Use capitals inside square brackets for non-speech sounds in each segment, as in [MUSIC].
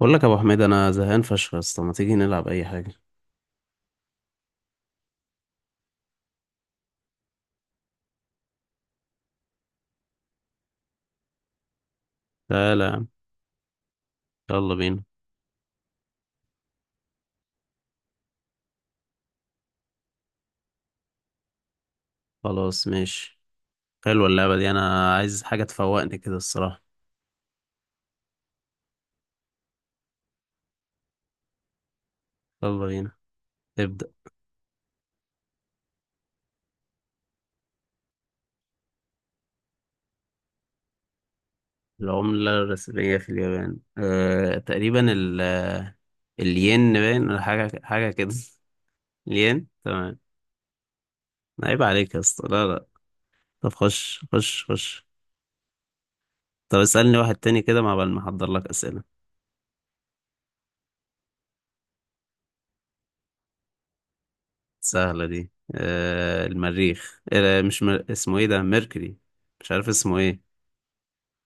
بقول لك يا ابو حميد انا زهقان فشخ يا اسطى، ما تيجي نلعب اي حاجه؟ لا لا يا عم. يلا بينا. خلاص ماشي. حلوه اللعبه دي، انا عايز حاجه تفوقني كده الصراحه. يلا بينا. ابدا. العمله الرسميه في اليابان تقريبا ال آه، الين باين ولا حاجه كده [LAUGHS] الين تمام. عيب عليك يا اسطى، لا لا. طب خش. طب اسالني واحد تاني كده مع بال ما احضر لك اسئله. سهله دي. المريخ. أه مش مر... اسمه ايه ده؟ ميركوري. مش عارف اسمه ايه.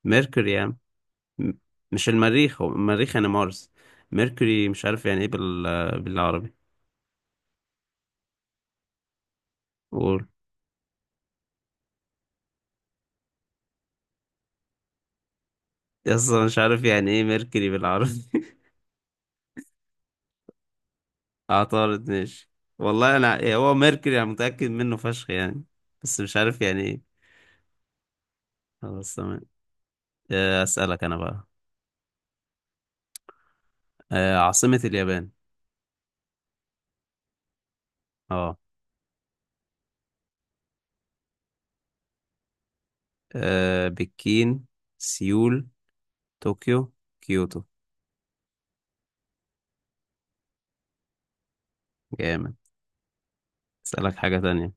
ميركوري يعني. م- مش المريخ، هو المريخ يعني مارس. ميركوري مش عارف يعني ايه بالعربي. قول. اصلا مش عارف يعني ايه ميركوري بالعربي [LAUGHS] عطارد ماشي. والله انا يعني هو ميركوري انا متأكد منه فشخ يعني، بس مش عارف يعني ايه. خلاص تمام. اسألك انا بقى. عاصمة اليابان. اه. بكين، سيول، طوكيو، كيوتو. جامد. اسألك حاجة تانية.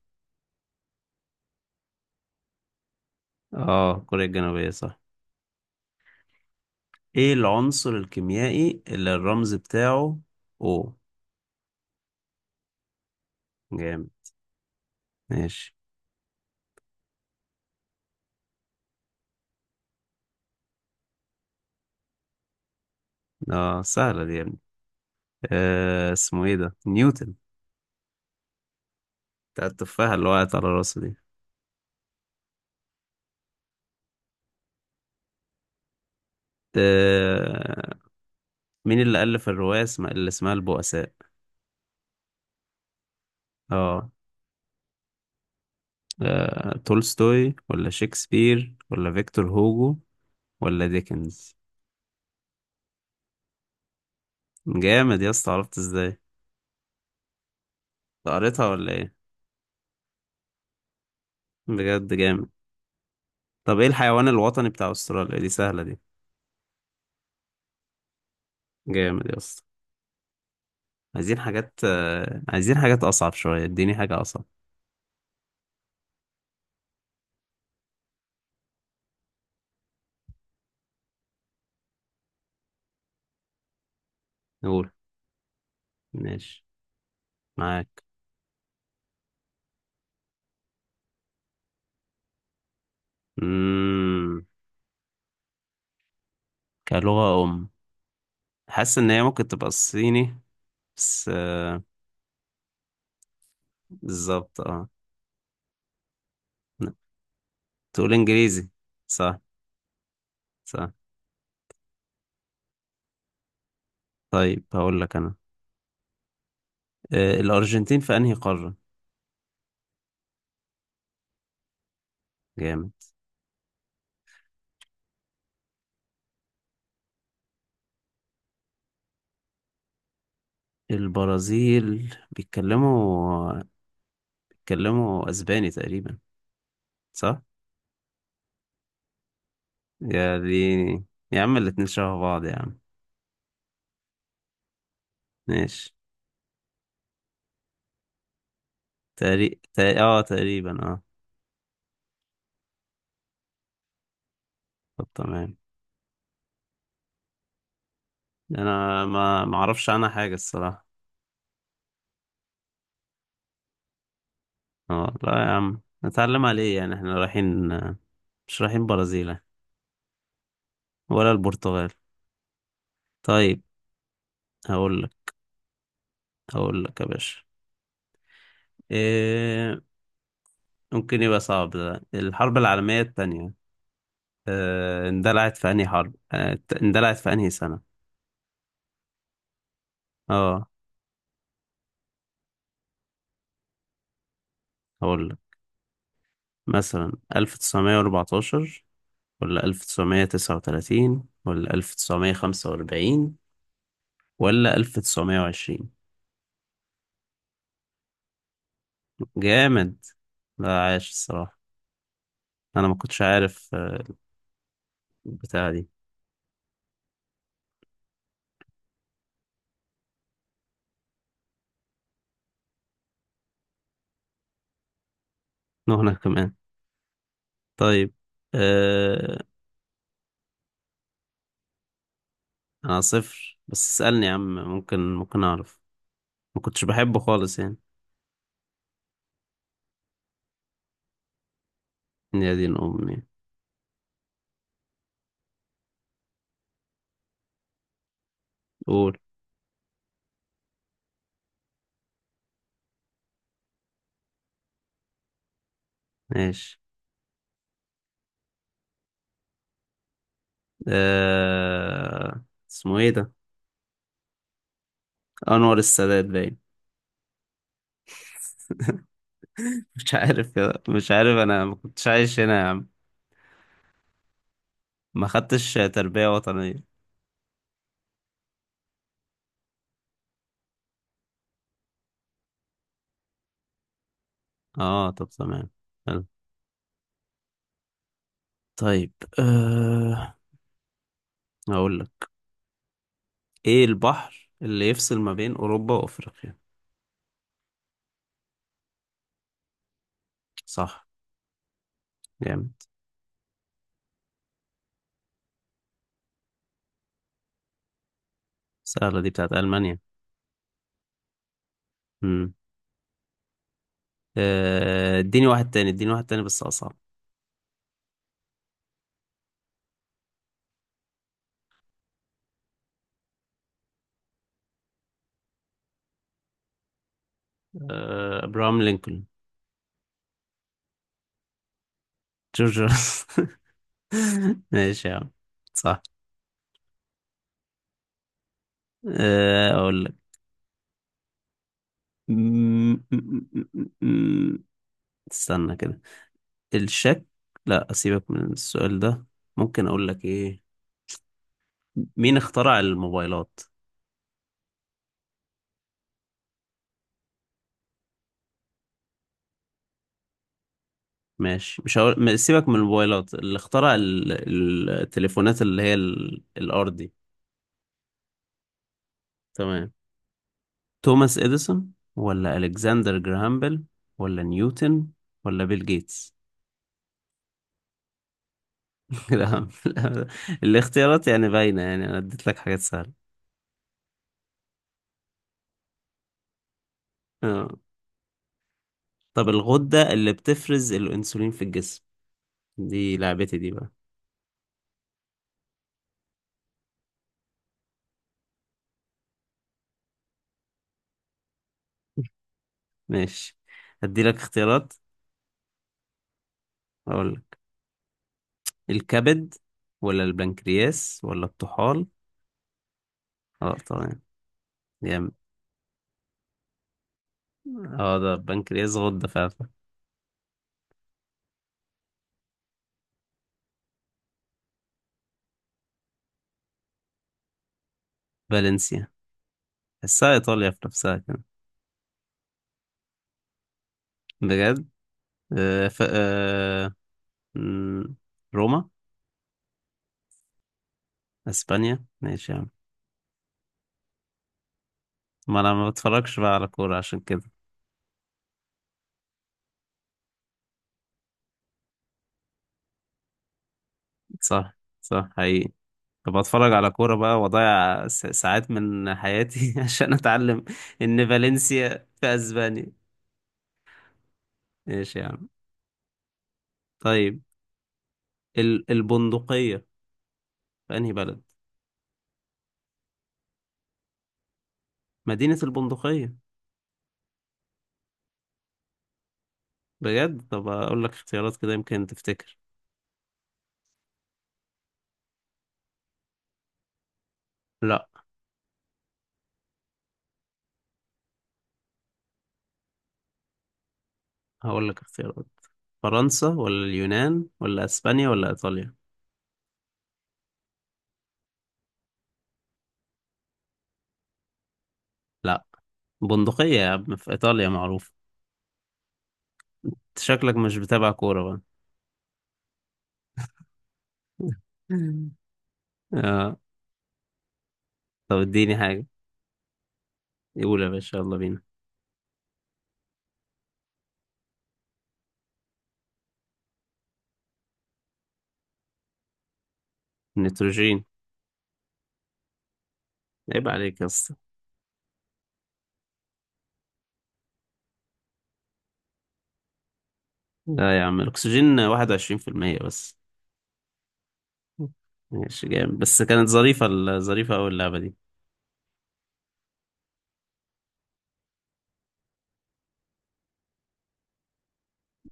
اه كوريا الجنوبية صح. ايه العنصر الكيميائي اللي الرمز بتاعه او. جامد. ماشي. اه سهلة دي يا ابني. آه اسمه ايه ده؟ نيوتن. بتاع التفاحة اللي وقعت على راسه دي. آه، مين اللي ألف الرواية اللي اسمها البؤساء؟ اه. تولستوي ولا شكسبير ولا فيكتور هوجو ولا ديكنز. جامد يا اسطى، عرفت ازاي؟ قريتها ولا ايه؟ بجد جامد. طب ايه الحيوان الوطني بتاع استراليا؟ دي سهلة دي. جامد يا اسطى. عايزين حاجات عايزين حاجات أصعب شوية، اديني حاجة أصعب. قول. ماشي، معاك. مم. كلغة أم. حاسس إن هي ممكن تبقى الصيني، بس آه، بالظبط اه. لا. تقول إنجليزي. صح. صح. طيب هقول لك أنا. الأرجنتين في أنهي قارة؟ جامد. البرازيل بيتكلموا، بيتكلموا أسباني تقريبا، صح؟ يا ديني، يا عم الاتنين شبه بعض يا عم. ماشي. تقريبا اه. طب تمام. انا ما اعرفش عنها حاجه الصراحه. اه لا يا عم، نتعلم على ايه يعني؟ احنا رايحين، مش رايحين برازيل يعني، ولا البرتغال. طيب. هقول لك. هقول لك يا باشا، إيه ممكن يبقى صعب ده؟ الحرب العالميه الثانيه، إيه اندلعت في انهي حرب اندلعت في انهي سنه؟ اه هقول لك مثلا 1914 ولا 1939 ولا 1945 ولا 1920. جامد، لا عايش الصراحة. أنا ما كنتش عارف البتاعة دي. وأنا كمان. طيب. أه... أنا صفر، بس اسألني يا عم، ممكن ممكن أعرف. ما كنتش بحبه خالص يعني. يا دين أمي. قول. ماشي. أه... اسمه إيه ده؟ أنور السادات باين. [LAUGHS] مش عارف مش عارف، أنا ما كنتش عايش هنا يا عم. ما خدتش تربية وطنية. آه طب تمام. حلو. طيب. أه... هقول لك. ايه البحر اللي يفصل ما بين اوروبا وافريقيا؟ صح. جامد. سهلة دي، بتاعت المانيا. امم. اديني واحد تاني، اديني واحد تاني بس اصعب. ابراهام لينكولن. جورج واشنطن. [LAUGHS] ماشي يا عم. صح. اقول لك. م- م- م- م- م- استنى كده. الشك. لا اسيبك من السؤال ده. ممكن اقول لك ايه؟ مين اخترع الموبايلات؟ ماشي، مش هقول سيبك من الموبايلات، اللي اخترع التليفونات اللي هي الأرضي. تمام. توماس إديسون ولا ألكسندر جراهام بيل ولا نيوتن ولا بيل جيتس. [LAUGHS] لا لا، الاختيارات يعني باينة يعني، أنا اديت لك حاجات سهلة. آه. طب الغدة اللي بتفرز الأنسولين في الجسم، دي لعبتي دي بقى. ماشي، ادي لك اختيارات. أقول لك الكبد ولا البنكرياس ولا الطحال. اه طبعا. اه ده بنكرياس غدة فعلا. فالنسيا. تحسها إيطاليا في نفسها كده. بجد. آه ف... آه مم، روما. أسبانيا ماشي يا عم. ما أنا ما بتفرجش بقى على كورة عشان كده. صح صح حقيقي. طب أتفرج على كورة بقى وأضيع ساعات من حياتي [LAUGHS] عشان أتعلم إن فالنسيا في أسبانيا. ماشي يا عم. طيب. البندقية في أنهي بلد؟ مدينة البندقية. بجد؟ طب أقول لك اختيارات كده يمكن تفتكر. لا. هقول لك اختيارات: فرنسا ولا اليونان ولا اسبانيا ولا ايطاليا. لا. بندقية يا عم في ايطاليا، معروف. انت شكلك مش بتابع كورة بقى. [LAUGHS] آه. طب اديني حاجة. يقول يا باشا يلا بينا. النيتروجين. عيب عليك يا اسطى. لا يا عم، الاكسجين 21% بس. ماشي جامد، بس كانت ظريفة، ظريفة أوي اللعبة دي.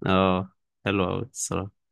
اه حلوة أوي الصراحة.